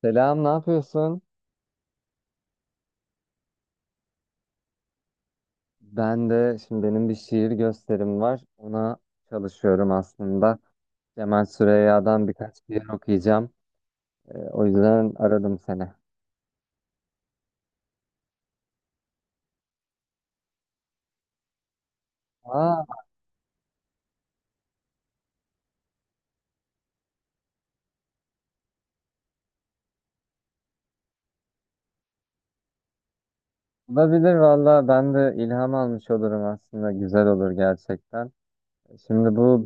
Selam, ne yapıyorsun? Ben de şimdi benim bir şiir gösterim var. Ona çalışıyorum aslında. Cemal Süreyya'dan birkaç şiir okuyacağım. O yüzden aradım seni. Aa, olabilir valla. Ben de ilham almış olurum aslında. Güzel olur gerçekten. Şimdi bu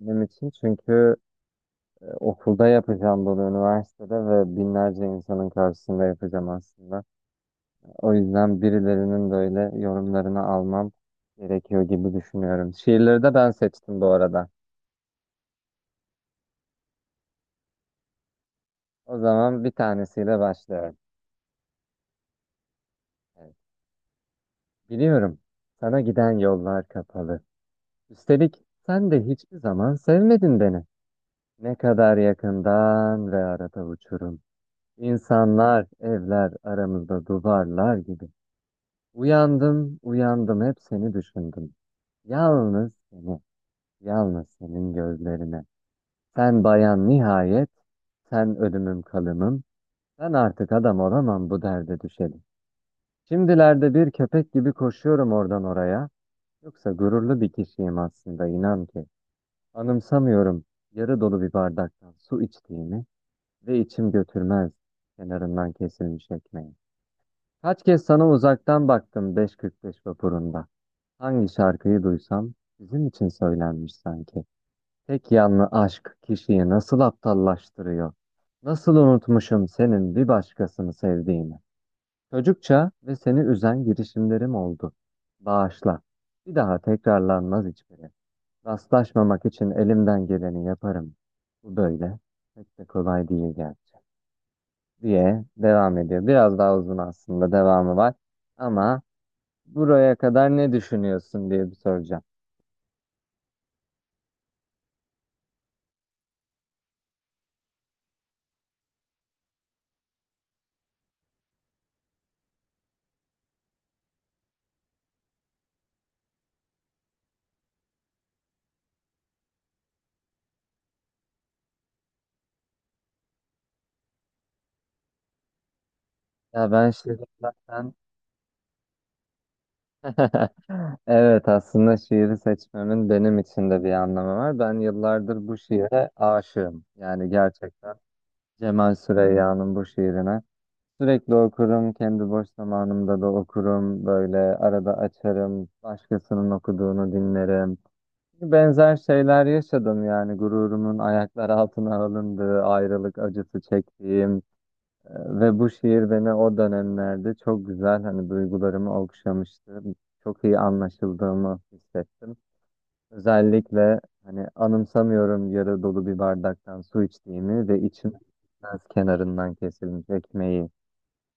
benim için çünkü okulda yapacağım bunu üniversitede ve binlerce insanın karşısında yapacağım aslında. O yüzden birilerinin böyle yorumlarını almam gerekiyor gibi düşünüyorum. Şiirleri de ben seçtim bu arada. O zaman bir tanesiyle başlıyorum. Evet. Biliyorum, sana giden yollar kapalı. Üstelik sen de hiçbir zaman sevmedin beni. Ne kadar yakından ve arada uçurum. İnsanlar, evler aramızda duvarlar gibi. Uyandım, uyandım hep seni düşündüm. Yalnız seni, yalnız senin gözlerine. Sen bayan nihayet, sen ölümüm kalımım, ben artık adam olamam bu derde düşelim. Şimdilerde bir köpek gibi koşuyorum oradan oraya, yoksa gururlu bir kişiyim aslında inan ki. Anımsamıyorum yarı dolu bir bardaktan su içtiğimi ve içim götürmez kenarından kesilmiş ekmeği. Kaç kez sana uzaktan baktım beş kırk beş vapurunda. Hangi şarkıyı duysam sizin için söylenmiş sanki. Tek yanlı aşk kişiyi nasıl aptallaştırıyor? Nasıl unutmuşum senin bir başkasını sevdiğini? Çocukça ve seni üzen girişimlerim oldu. Bağışla. Bir daha tekrarlanmaz hiçbiri. Rastlaşmamak için elimden geleni yaparım. Bu böyle. Pek de kolay değil gerçi. Diye devam ediyor. Biraz daha uzun aslında devamı var. Ama buraya kadar ne düşünüyorsun diye bir soracağım. Ya ben Şirin zaten. Evet, aslında şiiri seçmemin benim için de bir anlamı var. Ben yıllardır bu şiire aşığım. Yani gerçekten Cemal Süreyya'nın bu şiirine. Sürekli okurum, kendi boş zamanımda da okurum. Böyle arada açarım, başkasının okuduğunu dinlerim. Benzer şeyler yaşadım yani gururumun ayaklar altına alındığı, ayrılık acısı çektiğim. Ve bu şiir beni o dönemlerde çok güzel hani duygularımı okşamıştı. Çok iyi anlaşıldığımı hissettim. Özellikle hani anımsamıyorum yarı dolu bir bardaktan su içtiğimi ve içim biraz kenarından kesilmiş ekmeği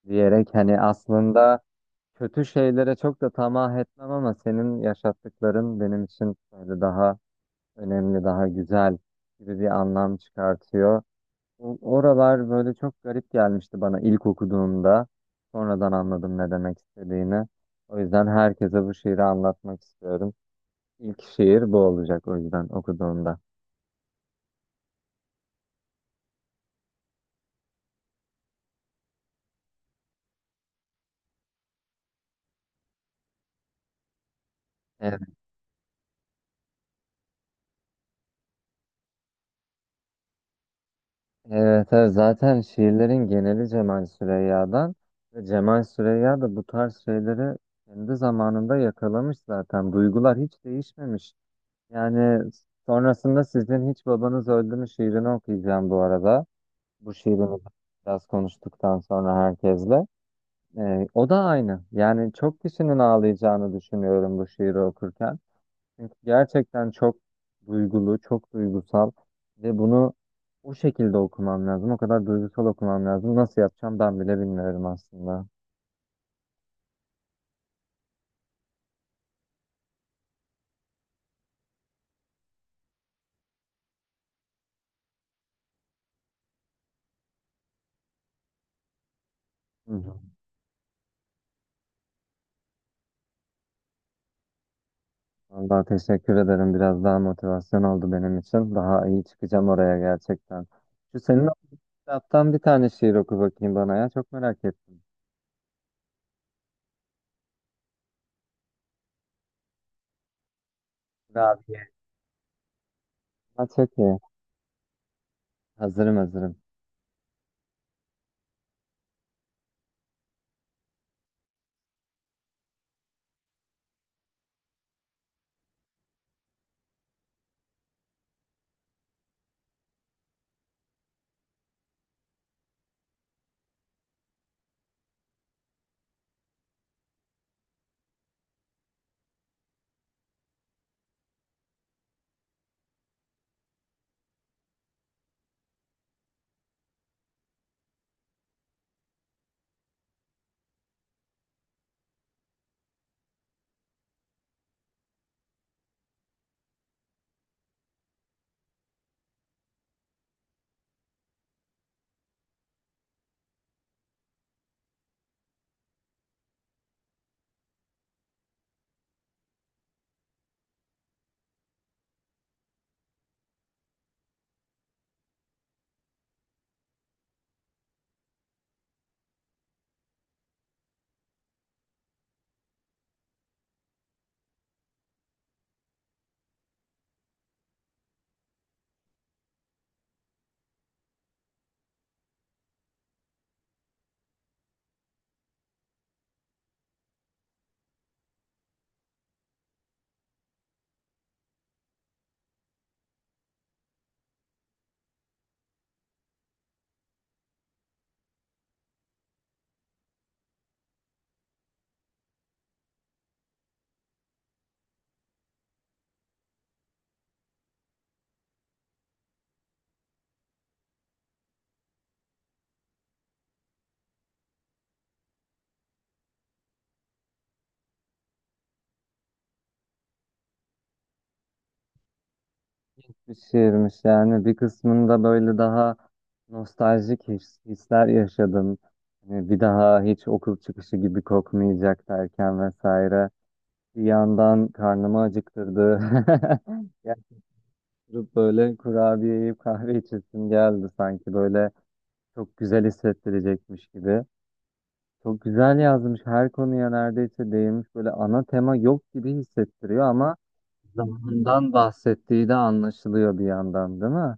diyerek hani aslında kötü şeylere çok da tamah etmem ama senin yaşattıkların benim için böyle daha önemli, daha güzel gibi bir anlam çıkartıyor. Oralar böyle çok garip gelmişti bana ilk okuduğumda. Sonradan anladım ne demek istediğini. O yüzden herkese bu şiiri anlatmak istiyorum. İlk şiir bu olacak o yüzden okuduğumda. Evet, evet, evet. Zaten şiirlerin geneli Cemal Süreyya'dan ve Cemal Süreyya da bu tarz şeyleri kendi zamanında yakalamış zaten. Duygular hiç değişmemiş. Yani sonrasında sizin hiç babanız öldü mü şiirini okuyacağım bu arada. Bu şiirimi biraz konuştuktan sonra herkesle. O da aynı. Yani çok kişinin ağlayacağını düşünüyorum bu şiiri okurken. Çünkü gerçekten çok duygulu, çok duygusal ve bunu o şekilde okumam lazım. O kadar duygusal okumam lazım. Nasıl yapacağım ben bile bilmiyorum aslında. Hı hı. Vallahi teşekkür ederim. Biraz daha motivasyon oldu benim için. Daha iyi çıkacağım oraya gerçekten. Şu senin o kitaptan bir tane şiir oku bakayım bana ya. Çok merak ettim. Rabia'dan çek ya. Hazırım hazırım. Bir şiirmiş yani bir kısmında böyle daha nostaljik hisler yaşadım. Hani bir daha hiç okul çıkışı gibi kokmayacak derken vesaire. Bir yandan karnımı acıktırdı. Yani böyle kurabiye yiyip kahve içesim geldi sanki böyle çok güzel hissettirecekmiş gibi. Çok güzel yazmış, her konuya neredeyse değinmiş, böyle ana tema yok gibi hissettiriyor ama zamandan bahsettiği de anlaşılıyor bir yandan, değil mi?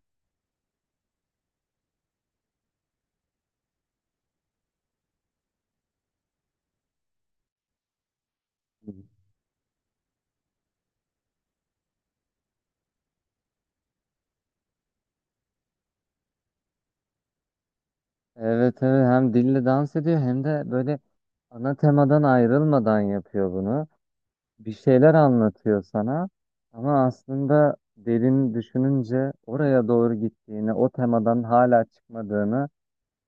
Evet, evet, hem dille dans ediyor hem de böyle ana temadan ayrılmadan yapıyor bunu. Bir şeyler anlatıyor sana ama aslında derin düşününce oraya doğru gittiğini, o temadan hala çıkmadığını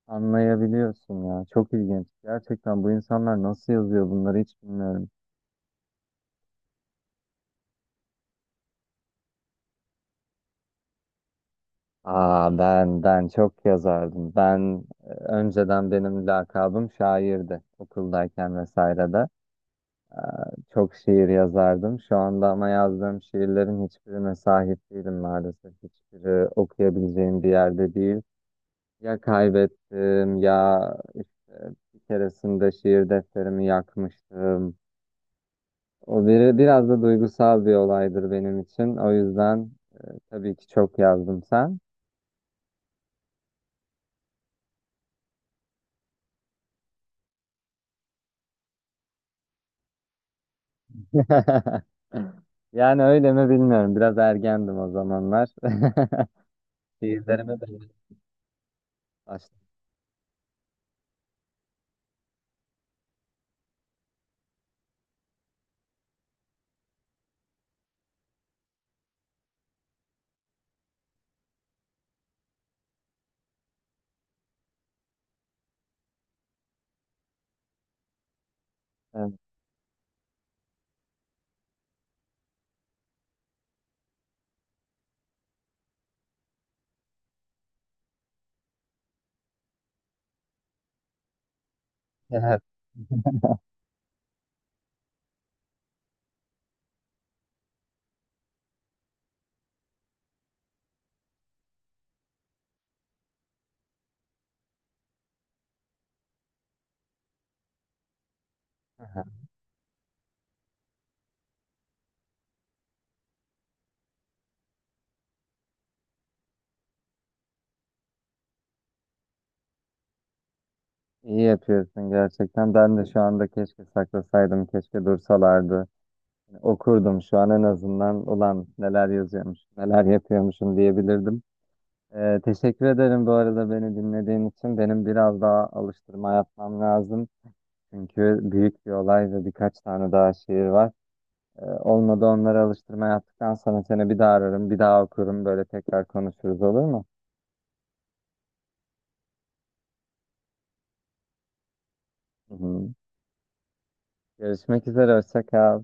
anlayabiliyorsun ya. Çok ilginç. Gerçekten bu insanlar nasıl yazıyor bunları hiç bilmiyorum. Aa, ben çok yazardım. Ben önceden benim lakabım şairdi okuldayken vesaire de. Ee, Çok şiir yazardım. Şu anda ama yazdığım şiirlerin hiçbirine sahip değilim maalesef. Hiçbiri okuyabileceğim bir yerde değil. Ya kaybettim ya işte bir keresinde şiir defterimi yakmıştım. O biri biraz da duygusal bir olaydır benim için. O yüzden tabii ki çok yazdım sen. Yani öyle mi bilmiyorum. Biraz ergendim o zamanlar. Şiirlerime de... başladım. Evet. İyi yapıyorsun gerçekten. Ben de şu anda keşke saklasaydım, keşke dursalardı. Okurdum şu an en azından. Ulan neler yazıyormuş, neler yapıyormuşum diyebilirdim. Teşekkür ederim bu arada beni dinlediğin için. Benim biraz daha alıştırma yapmam lazım. Çünkü büyük bir olay ve birkaç tane daha şiir var. Olmadı onları alıştırma yaptıktan sonra seni bir daha ararım, bir daha okurum. Böyle tekrar konuşuruz, olur mu? Hı hı. Görüşmek üzere, hoşça kal.